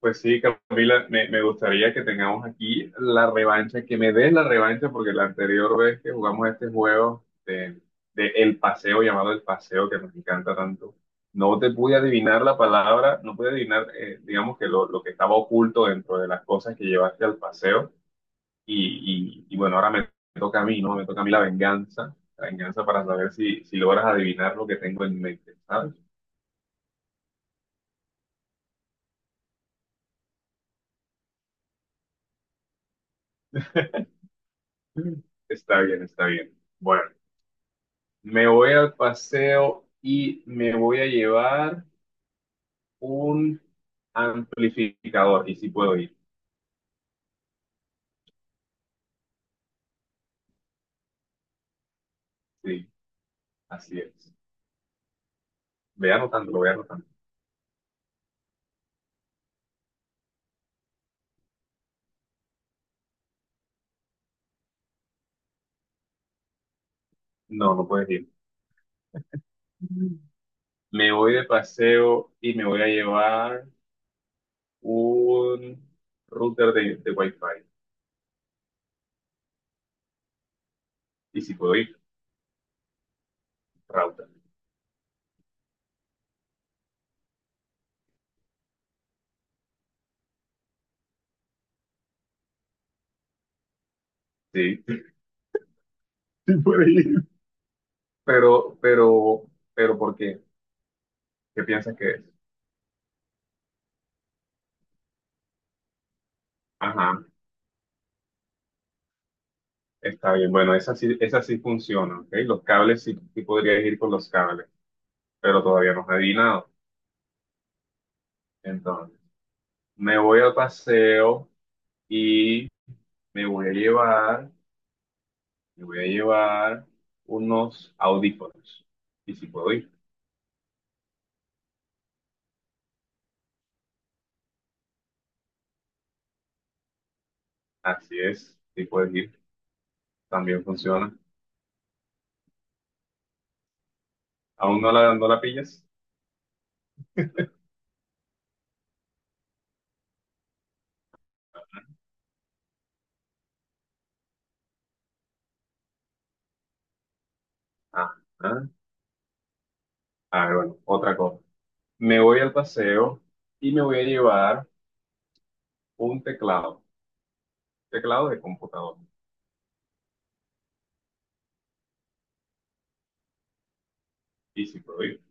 Pues sí, Camila, me gustaría que tengamos aquí la revancha, que me des la revancha, porque la anterior vez que jugamos este juego de El Paseo, llamado El Paseo, que nos encanta tanto, no te pude adivinar la palabra, no pude adivinar, digamos, que lo que estaba oculto dentro de las cosas que llevaste al paseo. Y bueno, ahora me toca a mí, ¿no? Me toca a mí la venganza para saber si logras adivinar lo que tengo en mente, ¿sabes? Está bien, está bien. Bueno. Me voy al paseo y me voy a llevar un amplificador. Y si puedo ir. Sí, así es. Ve anotando, lo voy anotando. No, no puedes ir. Me voy de paseo y me voy a llevar un router de Wi-Fi. Y si puedo ir, router. Sí, sí puedo ir. Pero, pero, pero, ¿por qué? ¿Qué piensas que es? Ajá, está bien. Bueno, esa sí funciona, ¿ok? Los cables sí podrías ir con los cables. Pero todavía no he dinado. Entonces, me voy al paseo y me voy a llevar, me voy a llevar unos audífonos. Y si puedo ir, así es, si puedes ir, también funciona. ¿Aún no la pillas? Ah, ah, ah, bueno, otra cosa. Me voy al paseo y me voy a llevar un teclado, teclado de computador. Y si puedo ir,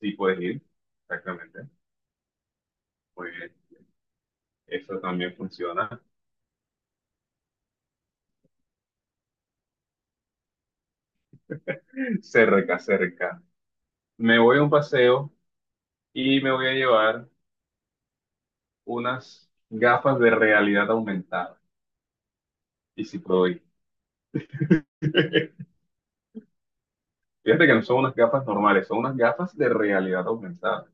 si puedes ir, exactamente. Muy bien, eso también funciona. Cerca, cerca. Me voy a un paseo y me voy a llevar unas gafas de realidad aumentada. Y si puedo ir. Fíjate que no son unas gafas normales, son unas gafas de realidad aumentada.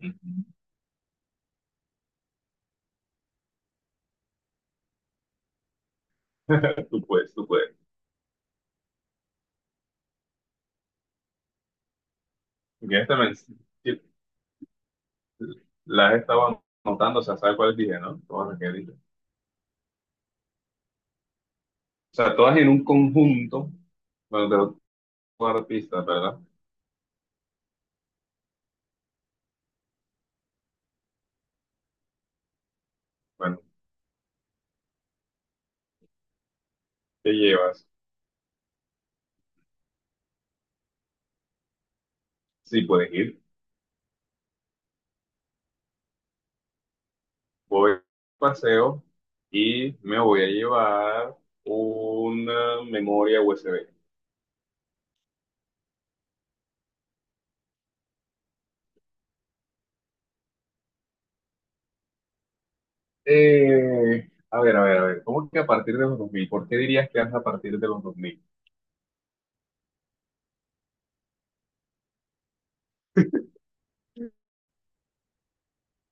Ujú. Tú puedes, tú puedes. Porque las estaba anotando, o sea, ¿sabes cuál dije, no? Todas las que dije. O sea, todas en un conjunto, bueno, de otro artista, ¿verdad? Bueno, ¿qué llevas? Sí, puedes ir. Voy a paseo y me voy a llevar una memoria USB. A ver, a ver, a ver, ¿cómo que a partir de los 2000? ¿Por qué dirías que es a partir de los 2000?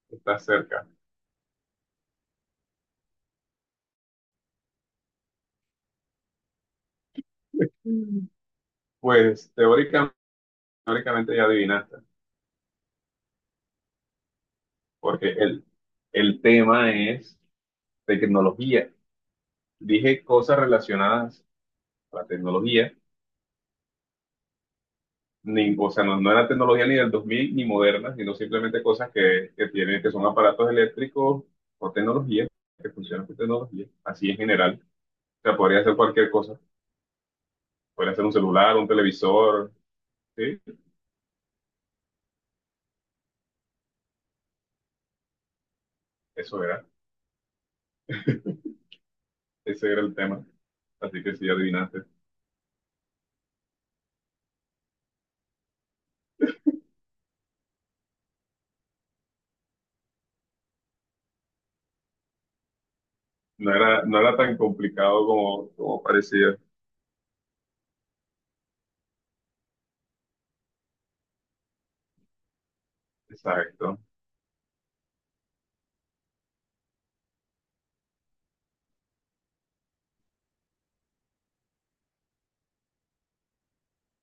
Estás cerca. Mm. Pues teóricamente ya adivinaste, porque el tema es tecnología. Dije cosas relacionadas a la tecnología ni, o sea, no era tecnología ni del 2000 ni moderna, sino simplemente cosas que tienen, que son aparatos eléctricos o tecnología, que funcionan con tecnología, así en general. O sea, podría hacer cualquier cosa, podría hacer un celular, un televisor, sí, eso era, ese era el tema. Así que sí, adivinaste. No era tan complicado como parecía. Exacto.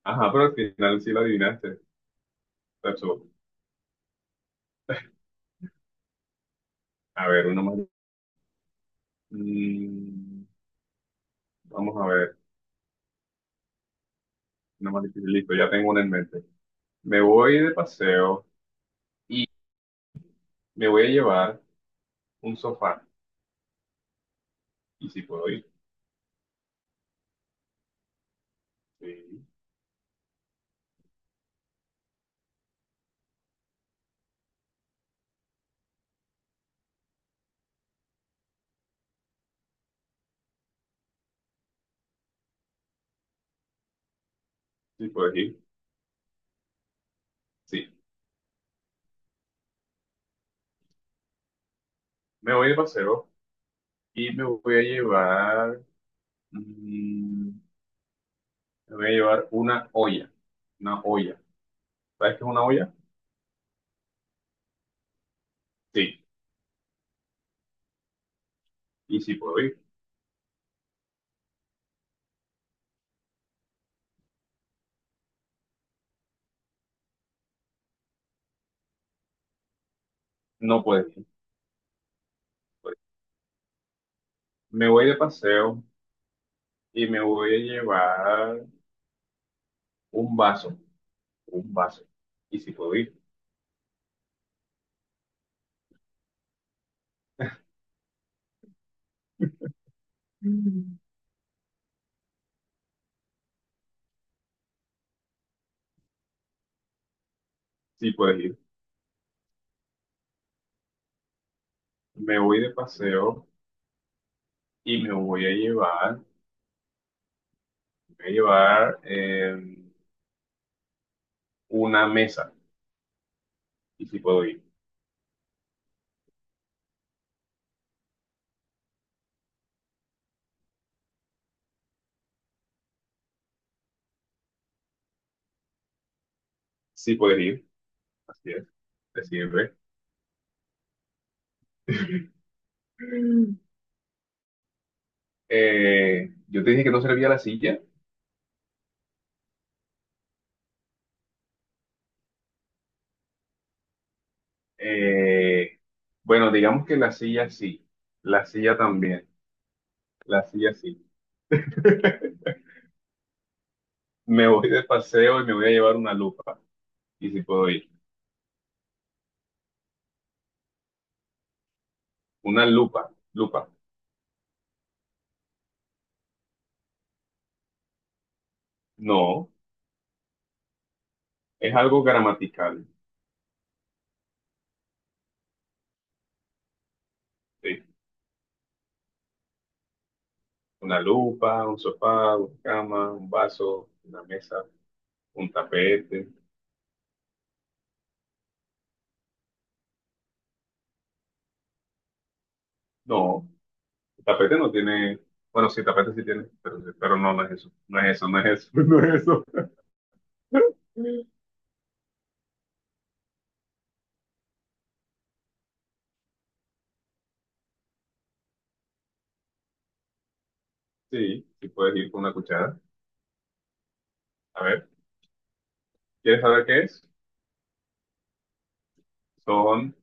Ajá, pero al final sí la adivinaste. Tacho. A ver, uno más. Mm, vamos a ver, uno más difícil. Listo, ya tengo una en mente. Me voy de paseo y me voy a llevar un sofá. Y si puedo ir, sí, si puedo ir, sí. Me voy de paseo y mm, me voy a llevar una olla. Una olla. ¿Sabes qué es una olla? Sí. Y si puedo ir, no puedes ir. No puedes ir. Me voy de paseo y me voy a llevar un vaso. Un vaso. Y si puedo ir. Mm. Sí puedes ir. Me voy de paseo y me voy a llevar Voy a llevar eh, una mesa. Y si puedo ir. Sí puedes ir. Así es. Te sirve. Yo te dije que no servía la silla. Eh, bueno, digamos que la silla sí. La silla también. La silla sí. Me voy de paseo y me voy a llevar una lupa. Y si puedo ir. ¿Una lupa? Lupa. No. Es algo gramatical. Sí. Una lupa, un sofá, una cama, un vaso, una mesa, un tapete. No, el tapete no tiene, bueno, sí, el tapete sí tiene, pero no, no es eso, no es eso, no es eso, no es eso. Sí, sí puedes ir con una cuchara. A ver, ¿quieres saber qué es? Son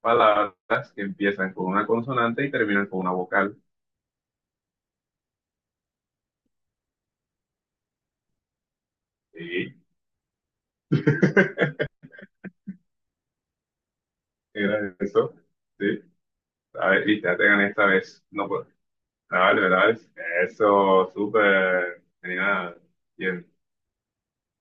palabras que empiezan con una consonante y terminan con una vocal. Sí, era eso. Sí, a ver, y te la tengan esta vez. No, pues, dale, dale. Eso, súper, genial. Bien.